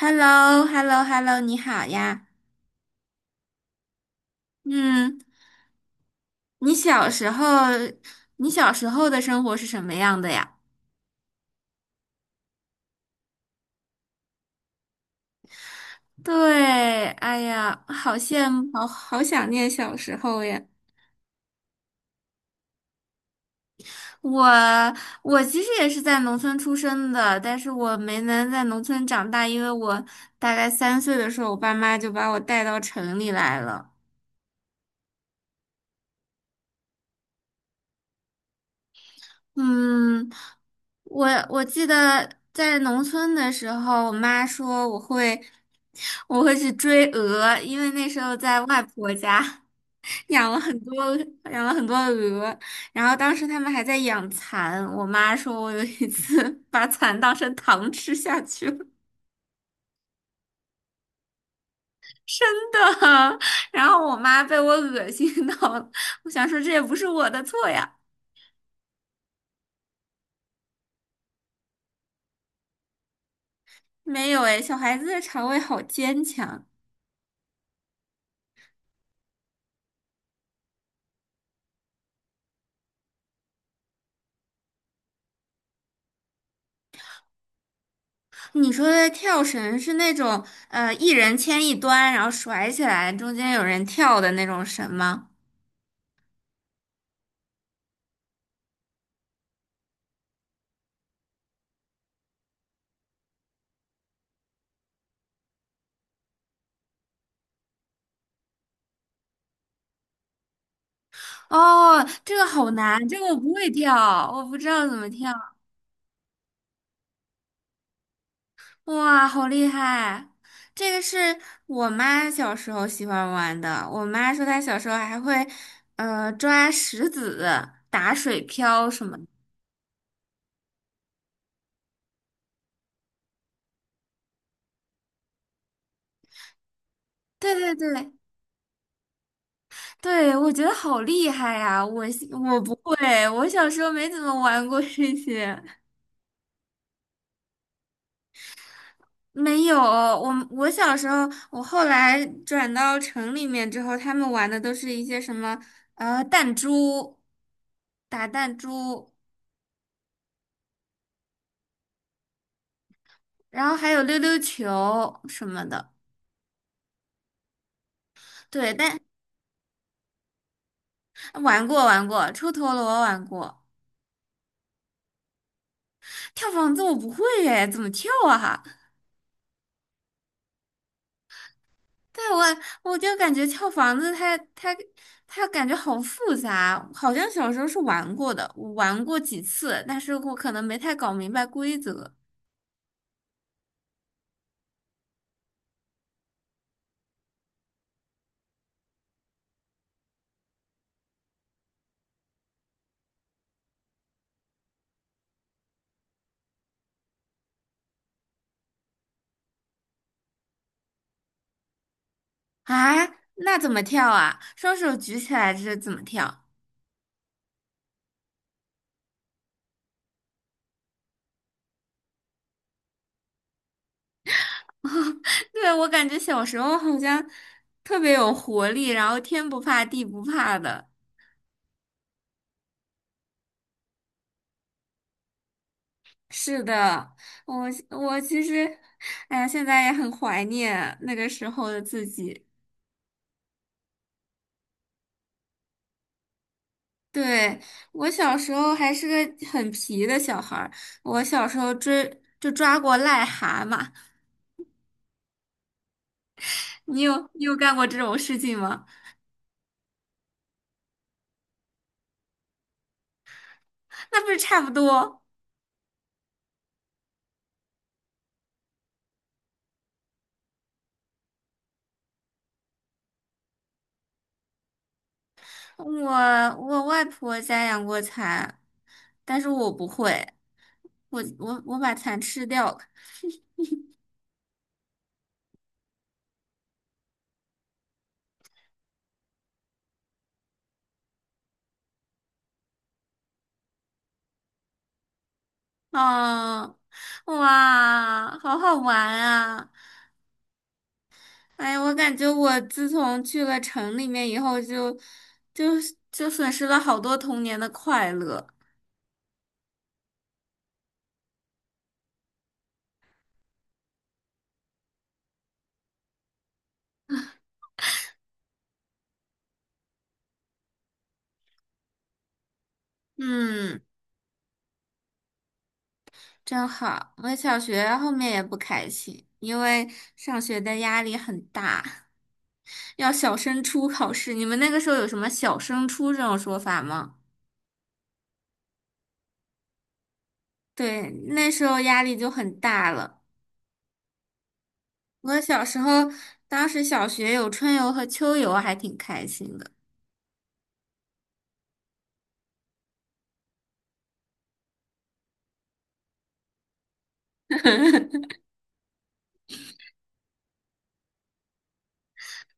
h e l l o h e l l o h e l l o 你好呀。嗯，你小时候，你小时候的生活是什么样的呀？对，哎呀，好羡慕，好好想念小时候呀。我我其实也是在农村出生的，但是我没能在农村长大，因为我大概三岁的时候，我爸妈就把我带到城里来了。嗯，我记得在农村的时候，我妈说我会去追鹅，因为那时候在外婆家 养了很多鹅，然后当时他们还在养蚕，我妈说我有一次 把蚕当成糖吃下去了。真的，然后我妈被我恶心到了，我想说这也不是我的错呀，没有哎，小孩子的肠胃好坚强。你说的跳绳是那种一人牵一端，然后甩起来，中间有人跳的那种绳吗？哦，这个好难，这个我不会跳，我不知道怎么跳。哇，好厉害！这个是我妈小时候喜欢玩的。我妈说她小时候还会抓石子、打水漂什么的。对对对对，我觉得好厉害呀！我不会，我小时候没怎么玩过这些。没有，我小时候，我后来转到城里面之后，他们玩的都是一些什么弹珠、打弹珠，然后还有溜溜球什么的。对，但玩过玩过，抽陀螺玩过，跳房子我不会耶，怎么跳啊？但我我就感觉跳房子它感觉好复杂，好像小时候是玩过的，我玩过几次，但是我可能没太搞明白规则。啊，那怎么跳啊？双手举起来这是怎么跳？对，我感觉小时候好像特别有活力，然后天不怕地不怕的。是的，我我其实，哎呀，现在也很怀念那个时候的自己。对，我小时候还是个很皮的小孩儿，我小时候追就抓过癞蛤蟆。你有干过这种事情吗？那不是差不多。我我外婆家养过蚕，但是我不会，我把蚕吃掉了。啊，哇，好好玩啊！哎呀，我感觉我自从去了城里面以后就，就损失了好多童年的快乐。嗯，真好。我小学后面也不开心，因为上学的压力很大，要小升初考试。你们那个时候有什么小升初这种说法吗？对，那时候压力就很大了。我小时候，当时小学有春游和秋游，还挺开心的。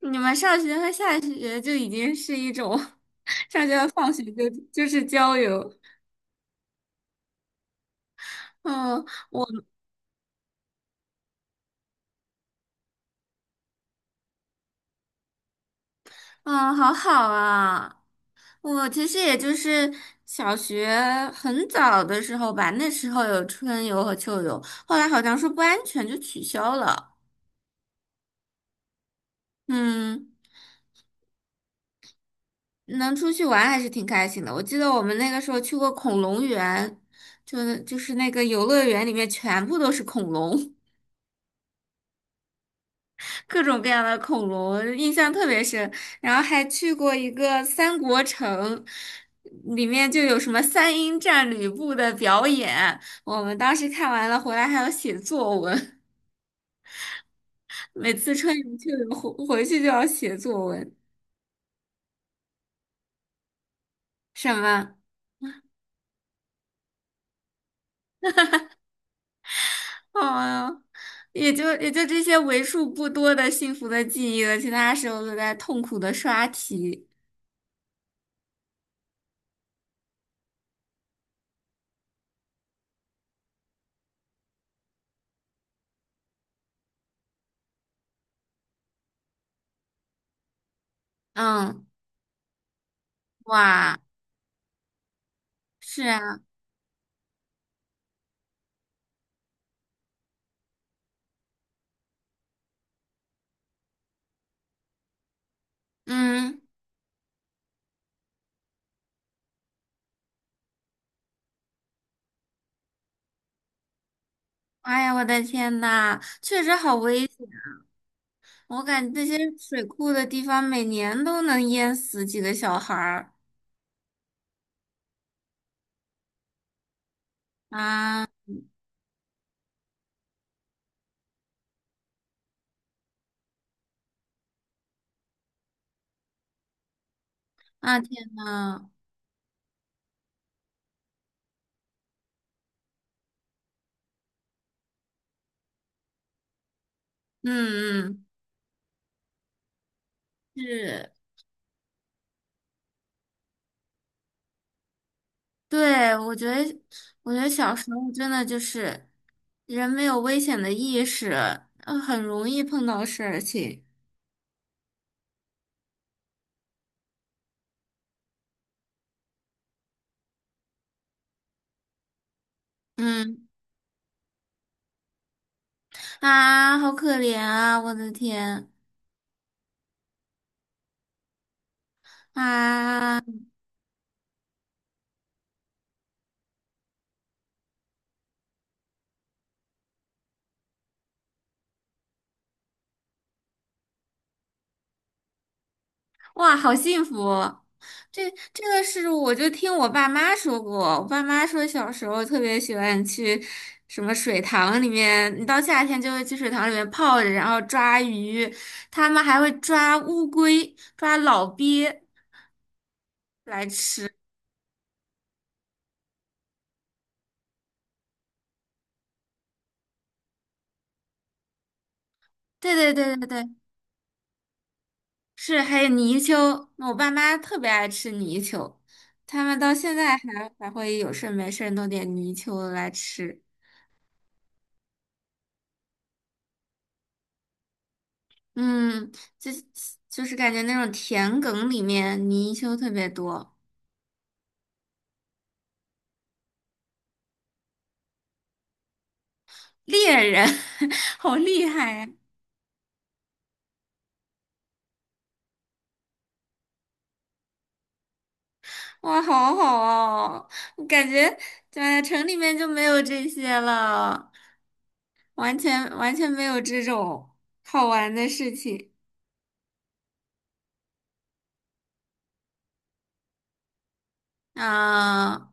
你们上学和下学就已经是一种，上学和放学就就是郊游。嗯，我嗯，好好啊。我其实也就是小学很早的时候吧，那时候有春游和秋游，后来好像说不安全就取消了。嗯。能出去玩还是挺开心的。我记得我们那个时候去过恐龙园，就是那个游乐园里面全部都是恐龙，各种各样的恐龙，印象特别深。然后还去过一个三国城，里面就有什么三英战吕布的表演，我们当时看完了回来还要写作文，每次春游去了回去就要写作文，什么？啊呀，也就这些为数不多的幸福的记忆了，其他时候都在痛苦的刷题。嗯，哇，是啊，嗯，哎呀，我的天呐，确实好危险！我感觉这些水库的地方每年都能淹死几个小孩儿啊。啊！天呐，嗯嗯，是。对，我觉得，我觉得小时候真的就是人没有危险的意识，很容易碰到事情。嗯，啊，好可怜啊！我的天，啊，哇，好幸福哦。这个是我就听我爸妈说过，我爸妈说小时候特别喜欢去什么水塘里面，你到夏天就会去水塘里面泡着，然后抓鱼，他们还会抓乌龟、抓老鳖来吃。对对对对对，是，还有泥鳅，那我爸妈特别爱吃泥鳅，他们到现在还会有事儿没事儿弄点泥鳅来吃。嗯，就是感觉那种田埂里面泥鳅特别多，猎人 好厉害呀！哇，好好哦，我感觉在城里面就没有这些了，完全没有这种好玩的事情啊。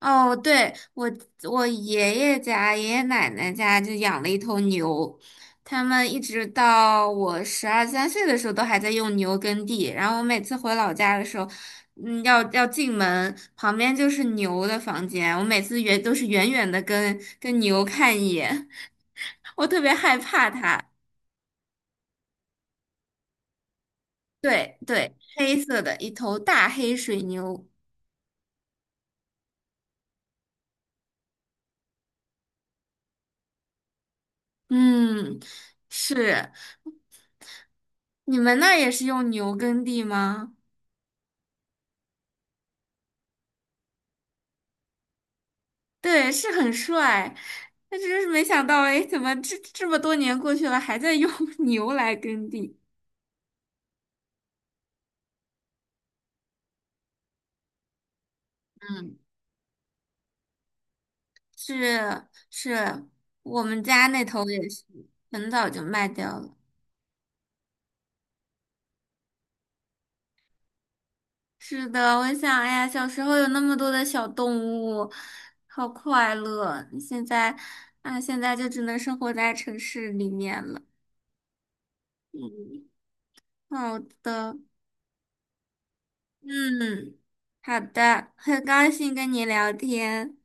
哦，对，我我爷爷家、爷爷奶奶家就养了一头牛，他们一直到我12、13岁的时候都还在用牛耕地。然后我每次回老家的时候，嗯，要进门，旁边就是牛的房间，我每次远都是远远的跟牛看一眼，我特别害怕它。对对，黑色的一头大黑水牛，嗯，是，你们那儿也是用牛耕地吗？对，是很帅，但真是没想到，哎，怎么这么多年过去了，还在用 牛来耕地？嗯，是是，我们家那头也是，很早就卖掉了。是的，我想，哎呀，小时候有那么多的小动物，好快乐。现在，啊，现在就只能生活在城市里面了。嗯，好的，嗯，好的，很高兴跟你聊天。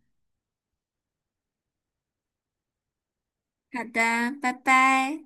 好的，拜拜。